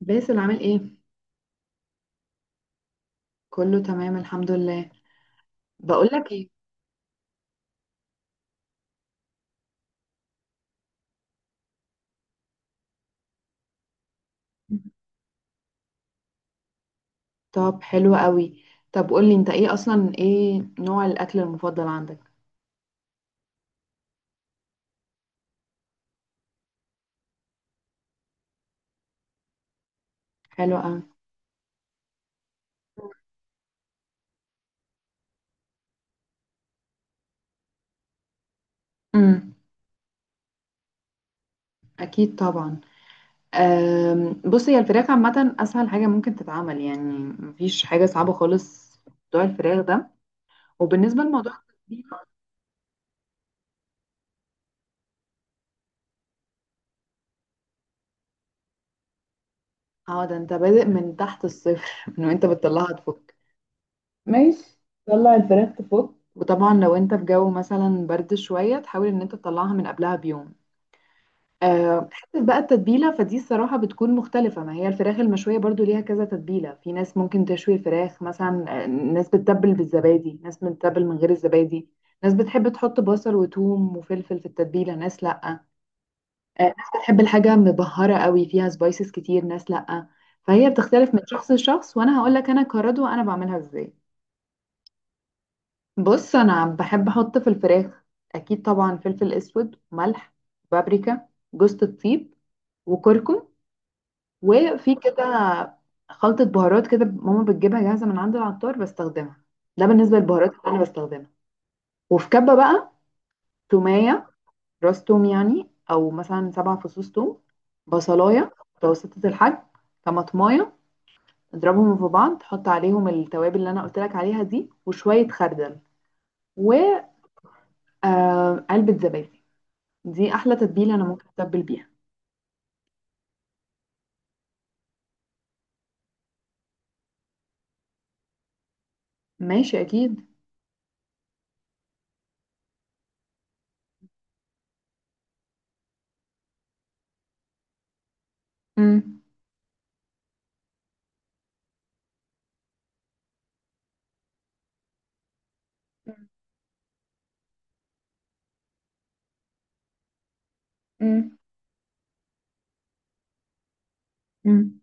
باسل عامل ايه؟ كله تمام الحمد لله. بقولك ايه؟ طب حلو قوي. طب قولي انت ايه اصلا، ايه نوع الاكل المفضل عندك؟ حلو قوي. امم. اكيد طبعا. بص، هي الفراخ عامه اسهل حاجه ممكن تتعمل يعني. مفيش حاجه صعبه خالص في موضوع الفراخ ده. وبالنسبه لموضوع التتبيله، اه ده انت بادئ من تحت الصفر من وانت بتطلعها تفك. ماشي. طلع الفراخ تفك، وطبعا لو انت في جو مثلا برد شويه، تحاول ان انت تطلعها من قبلها بيوم. حتة بقى التتبيلة، فدي الصراحة بتكون مختلفة، ما هي الفراخ المشوية برضو ليها كذا تتبيلة. في ناس ممكن تشوي الفراخ مثلا، ناس بتتبل بالزبادي، ناس بتتبل من غير الزبادي. ناس بتحب تحط بصل وثوم وفلفل في التتبيلة، ناس لأ. ناس بتحب الحاجة مبهرة قوي فيها سبايسز كتير، ناس لأ. فهي بتختلف من شخص لشخص، وأنا هقولك أنا كردوة أنا بعملها إزاي. بص، أنا بحب أحط في الفراخ أكيد طبعا فلفل أسود، ملح، بابريكا، جوز الطيب، وكركم. وفي كده خلطة بهارات كده ماما بتجيبها جاهزة من عند العطار بستخدمها. ده بالنسبة للبهارات اللي أنا بستخدمها. وفي كبة بقى، تومية، راس توم يعني أو مثلا سبع فصوص توم، بصلاية متوسطة الحجم، طماطماية. اضربهم في بعض، حط عليهم التوابل اللي أنا قلت لك عليها دي وشوية خردل وعلبة زبادي. دي أحلى تتبيلة أنا ممكن أتبل بيها. ماشي أكيد. مم. مم. مم.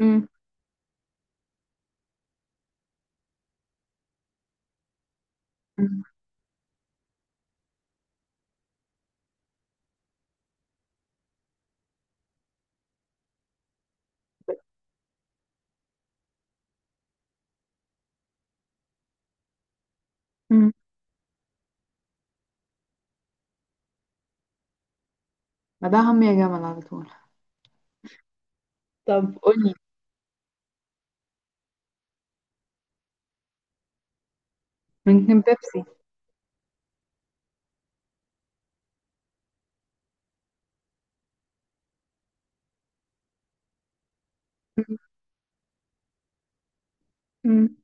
مم. مم. ما ده هم يا جمل على طول. طب قولي. ممكن بيبسي. مم.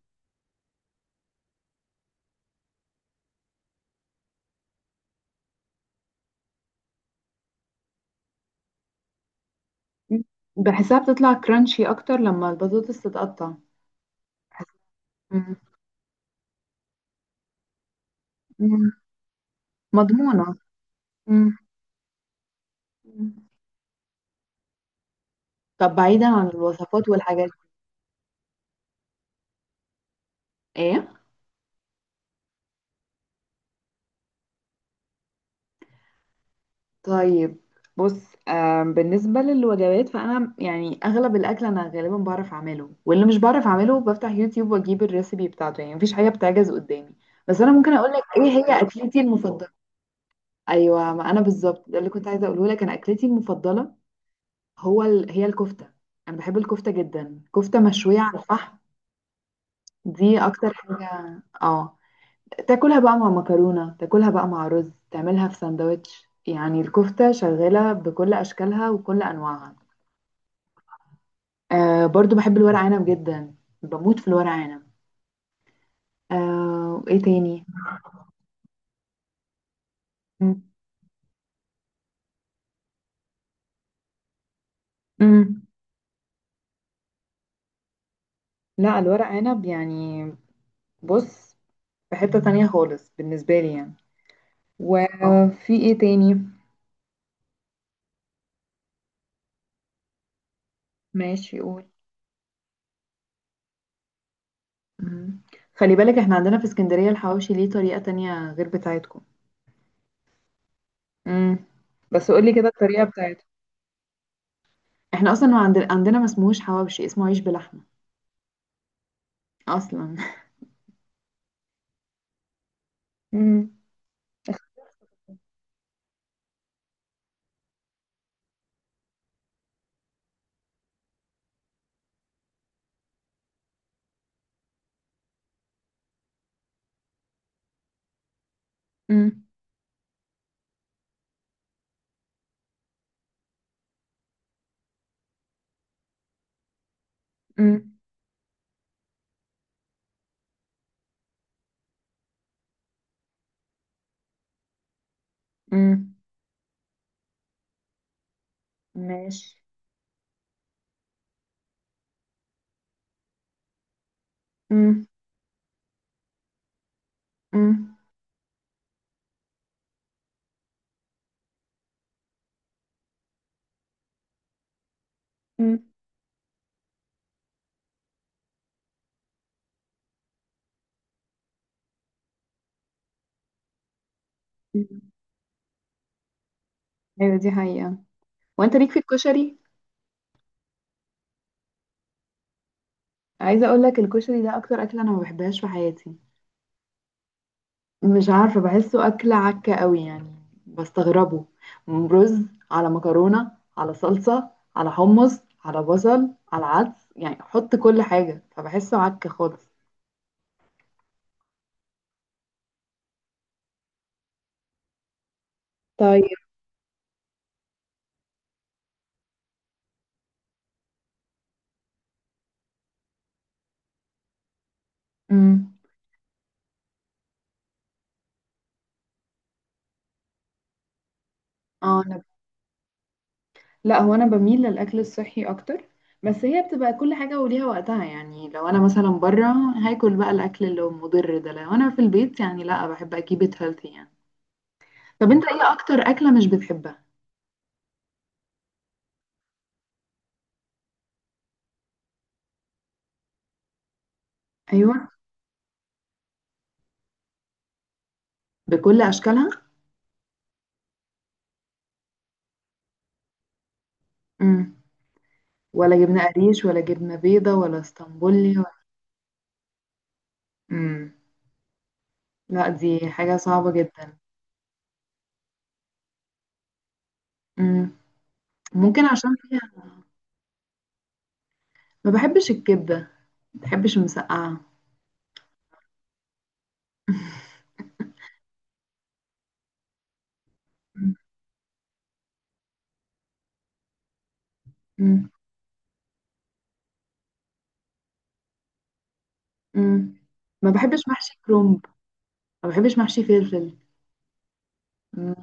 مم. بحسها بتطلع كرانشي اكتر لما البطاطس تتقطع. بحس- مم. مم. مضمونة. مم. مم. طب بعيدا عن الوصفات والحاجات دي. ايه؟ طيب، بص، بالنسبة للوجبات فأنا يعني أغلب الأكل أنا غالبا بعرف أعمله، واللي مش بعرف أعمله بفتح يوتيوب وأجيب الريسبي بتاعته، يعني مفيش حاجة بتعجز قدامي. بس أنا ممكن أقولك إيه هي أكلتي المفضلة. أيوة، ما أنا بالظبط ده اللي كنت عايزة أقوله لك. أنا أكلتي المفضلة هي الكفتة. أنا بحب الكفتة جدا، كفتة مشوية على الفحم. دي أكتر حاجة. اه، تاكلها بقى مع مكرونة، تاكلها بقى مع رز، تعملها في سندوتش، يعني الكفتة شغالة بكل أشكالها وكل أنواعها. آه برضو بحب الورق عنب جدا، بموت في الورق عنب. آه، إيه تاني؟ امم. لا، الورق عنب يعني بص، في حتة تانية خالص بالنسبة لي يعني. وفي إيه تاني؟ ماشي قول. مم. خلي بالك احنا عندنا في اسكندرية الحواوشي ليه طريقة تانية غير بتاعتكم. امم. بس قولي كده الطريقة بتاعتكم. احنا اصلا ما عندنا ما اسمهوش حواوشي، اسمه عيش بلحمة اصلا امم. امم. امم. امم. ماشي. امم. امم. امم. ايوه دي حقيقة. وانت ليك في الكشري. عايزة اقول لك الكشري ده اكتر اكلة انا ما بحبهاش في حياتي. مش عارفة، بحسه أكلة عكة قوي يعني. بستغربه. رز على مكرونة على صلصة على حمص على بصل على عدس، يعني حط كل حاجة، فبحسه عكة خالص. طيب. امم. اه انا، لا هو انا بميل للاكل الصحي اكتر. بس هي بتبقى كل حاجة وليها وقتها، يعني لو انا مثلا بره هاكل بقى الاكل اللي هو مضر ده. لو انا في البيت يعني لا، بحب اكيب ات هيلثي يعني. طب انت ايه اكتر اكلة مش بتحبها؟ ايوه. بكل اشكالها. ولا جبنة قريش ولا جبنة بيضة ولا اسطنبولي ولا... مم. لا دي حاجة صعبة جدا. مم. ممكن عشان فيها. ما بحبش الكبدة. ما بحبش المسقعة. مم. مم. مم. ما بحبش محشي كرنب. ما بحبش محشي فلفل. مم.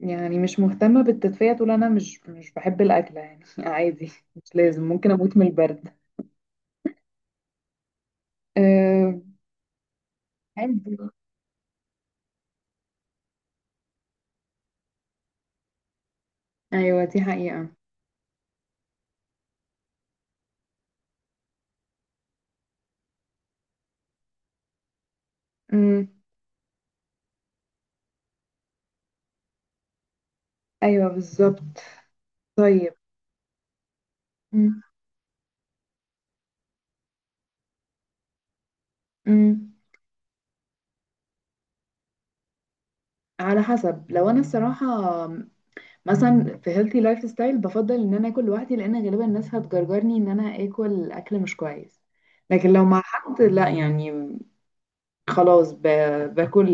يعني مش مهتمة بالتدفئة تقول أنا مش بحب الأكلة يعني عادي، مش لازم، ممكن أموت من البرد. أه... عادي. أيوة دي حقيقة. مم. أيوة بالظبط. طيب. مم. مم. على حسب، لو انا الصراحه مثلا في healthy لايف ستايل بفضل ان انا اكل لوحدي، لان غالبا الناس هتجرجرني ان انا اكل اكل مش كويس. لكن لو مع حد لا يعني خلاص باكل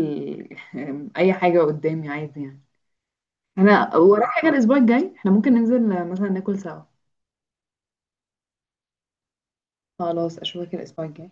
اي حاجه قدامي عادي يعني. انا ورايا حاجه الاسبوع الجاي احنا ممكن ننزل مثلا ناكل سوا. خلاص اشوفك الاسبوع الجاي.